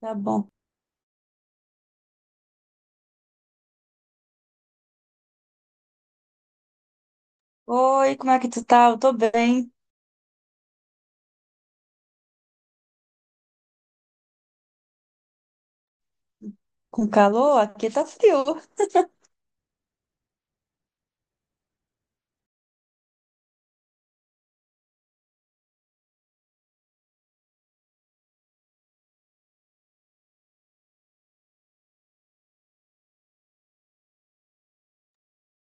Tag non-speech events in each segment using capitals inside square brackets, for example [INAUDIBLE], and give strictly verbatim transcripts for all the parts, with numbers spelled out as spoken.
Tá bom. Oi, como é que tu tá? Eu tô bem. Com calor? Aqui tá frio.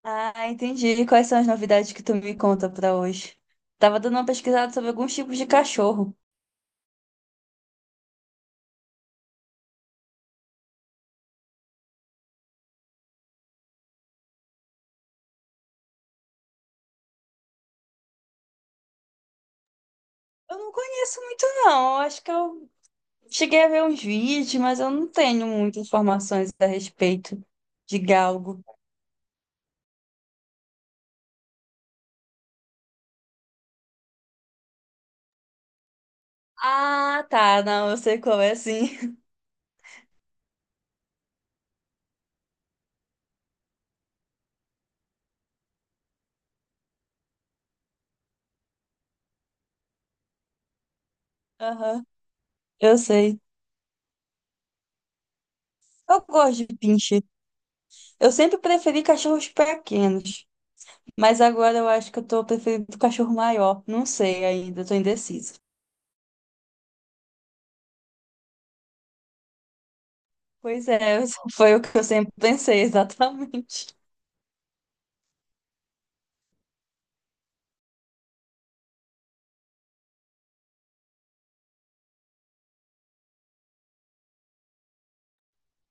Ah, entendi. Quais são as novidades que tu me conta pra hoje? Tava dando uma pesquisada sobre alguns tipos de cachorro. Eu não conheço muito, não. Eu acho que eu cheguei a ver uns vídeos, mas eu não tenho muitas informações a respeito de galgo. Ah, tá. Não, eu sei qual é, sim. [LAUGHS] Aham, eu sei. Eu gosto de pincher. Eu sempre preferi cachorros pequenos. Mas agora eu acho que eu tô preferindo o cachorro maior. Não sei ainda, eu tô indecisa. Pois é, [LAUGHS] foi o que eu sempre pensei, [LAUGHS] exatamente.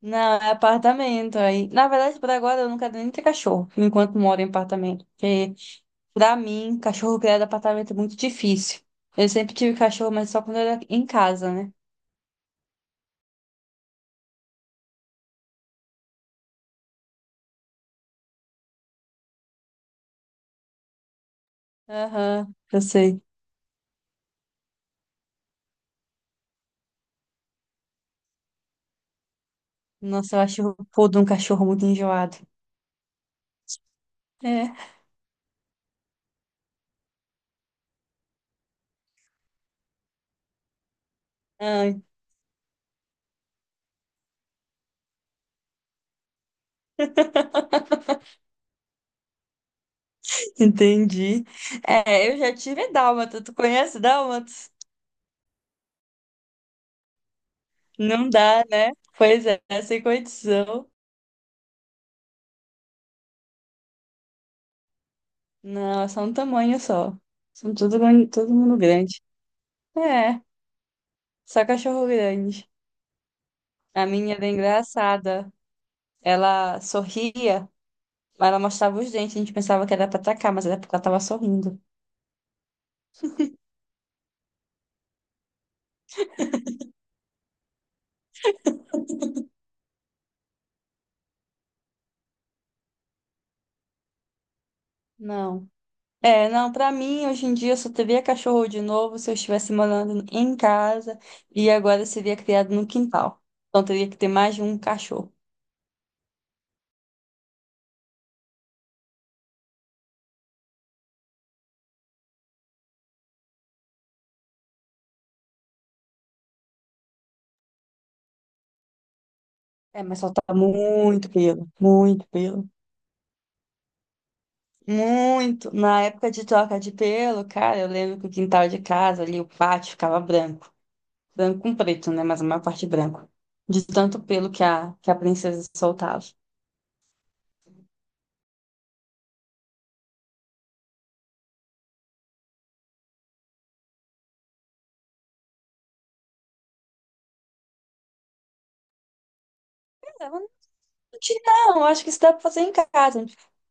Não, é apartamento. Aí, na verdade, por agora eu não quero nem ter cachorro, enquanto moro em apartamento. Porque, pra mim, cachorro criado em apartamento é muito difícil. Eu sempre tive cachorro, mas só quando era em casa, né? Aham, eu sei. Nossa, eu acho o pô de um cachorro muito enjoado. É. Ai. [LAUGHS] Entendi. É, eu já tive dálmata. Tu conhece dálmatas? Não dá, né? Pois é, sem condição. Não, é só um tamanho só. São tudo, gran- todo mundo grande. É, só cachorro grande. A minha era engraçada. Ela sorria, mas ela mostrava os dentes. A gente pensava que era pra atacar, mas era porque ela tava sorrindo. Não. É, não, pra mim, hoje em dia, eu só teria cachorro de novo se eu estivesse morando em casa e agora seria criado no quintal. Então, teria que ter mais de um cachorro. É, mas solta muito pelo, muito pelo, muito. Na época de troca de pelo, cara, eu lembro que o quintal de casa ali, o pátio, ficava branco. Branco com preto, né? Mas a maior parte branco. De tanto pelo que a, que a princesa soltava. É, não, eu acho que isso dá pra fazer em casa.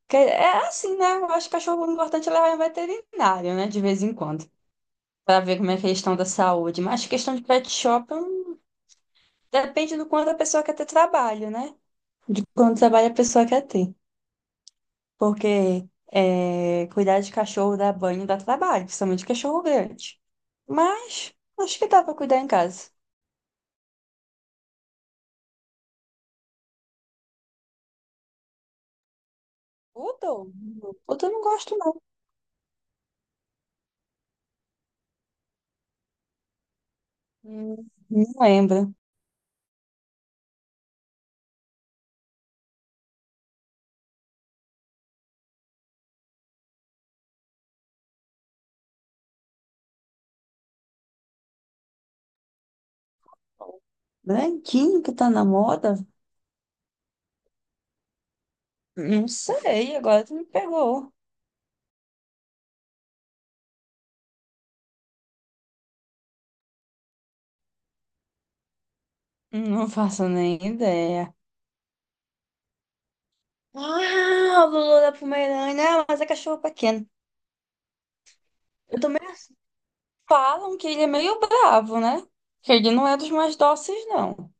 Porque é assim, né? Eu acho que cachorro o importante é levar em veterinário, né? De vez em quando. Pra ver como é a estão da saúde. Mas questão de pet shop hum, depende do quanto a pessoa quer ter trabalho, né? De quanto trabalho a pessoa quer ter. Porque é, cuidar de cachorro dá banho, dá trabalho, principalmente cachorro grande. Mas acho que dá pra cuidar em casa. Poodle? Poodle eu não gosto, não. Hum, Não lembro. Branquinho que tá na moda. Não sei, agora tu me pegou. Não faço nem ideia. Ah, o Lulu da Pomerânia. Ah, mas é cachorro pequeno. Eu também assim, falam que ele é meio bravo, né? Que ele não é dos mais dóceis, não.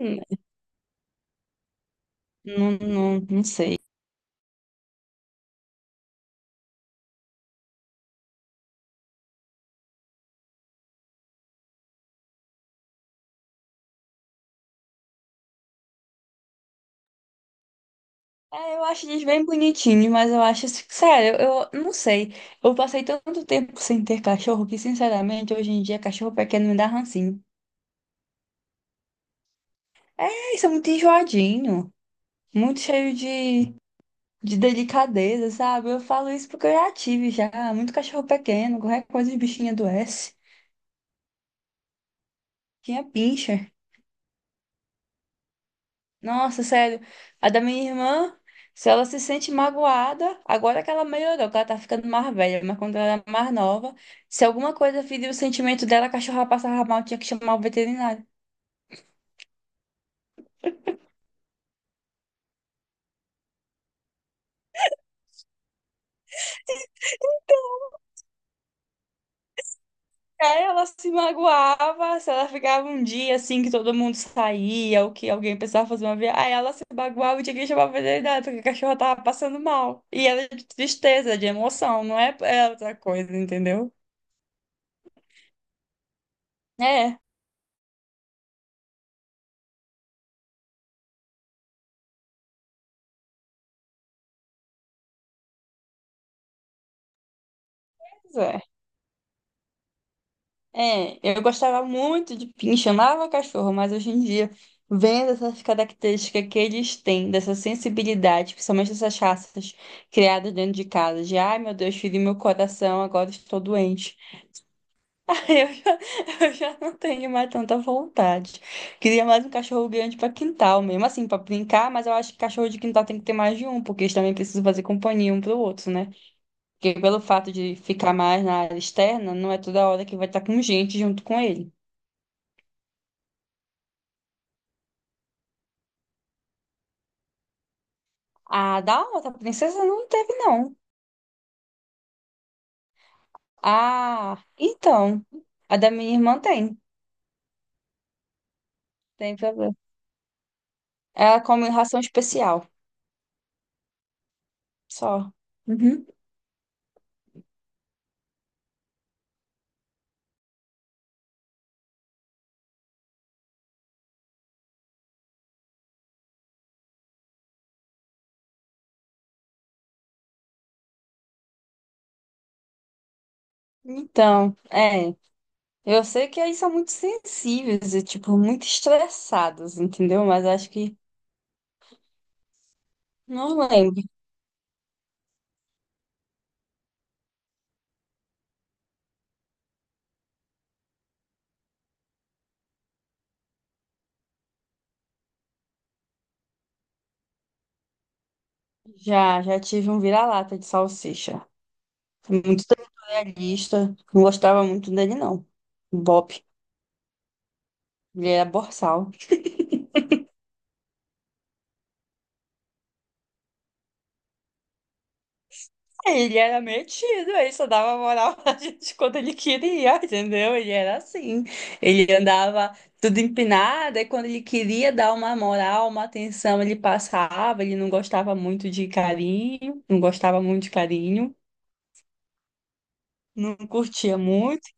Hum, Não, não, não sei. É, eu acho eles bem bonitinhos, mas eu acho, assim, sério, eu eu não sei. Eu passei tanto tempo sem ter cachorro que, sinceramente, hoje em dia, cachorro pequeno me dá rancinho. É, isso é muito enjoadinho, muito cheio de de delicadeza, sabe? Eu falo isso porque eu já tive já muito cachorro pequeno, qualquer coisa de bichinho adoece. Tinha pincher. Nossa, sério. A da minha irmã, se ela se sente magoada, agora que ela melhorou, que ela tá ficando mais velha, mas quando ela era mais nova, se alguma coisa feria o sentimento dela, a cachorra passava mal, tinha que chamar o veterinário. É, ela se magoava se ela ficava um dia assim que todo mundo saía ou que alguém precisava fazer uma viagem. Aí ela se magoava e tinha que chamar a veterinária porque a cachorra tava passando mal. E ela é de tristeza, de emoção, não é é outra coisa, entendeu? É, pois é. É, eu gostava muito de pincher, amava cachorro, mas hoje em dia, vendo essas características que eles têm, dessa sensibilidade, principalmente essas raças criadas dentro de casa, de ai meu Deus, feri meu coração, agora estou doente. [LAUGHS] Eu já, eu já não tenho mais tanta vontade. Queria mais um cachorro grande para quintal, mesmo assim, para brincar, mas eu acho que cachorro de quintal tem que ter mais de um, porque eles também precisam fazer companhia um para o outro, né? Porque pelo fato de ficar mais na área externa, não é toda hora que vai estar com gente junto com ele. A da outra princesa não teve, não. Ah, então, a da minha irmã tem, tem problema. Ela come ração especial, só. Uhum. Então, é. Eu sei que eles são muito sensíveis e, tipo, muito estressados, entendeu? Mas acho que não lembro. Já, já tive um vira-lata de salsicha. Muito territorialista. Não gostava muito dele, não. Bob. Ele era borsal. Ele era metido, ele só dava moral [LAUGHS] pra gente quando ele queria, entendeu? Ele era assim. Ele andava tudo empinado, e quando ele queria dar uma moral, uma atenção, ele passava, ele não gostava muito de carinho, não gostava muito de carinho, não curtia muito,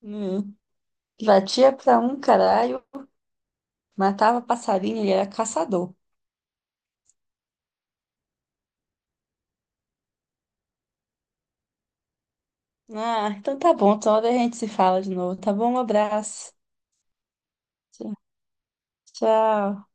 não. Batia pra um caralho, matava passarinho, ele era caçador. Ah, então tá bom, toda hora a gente se fala de novo, tá bom? Um abraço. Tchau. Tchau.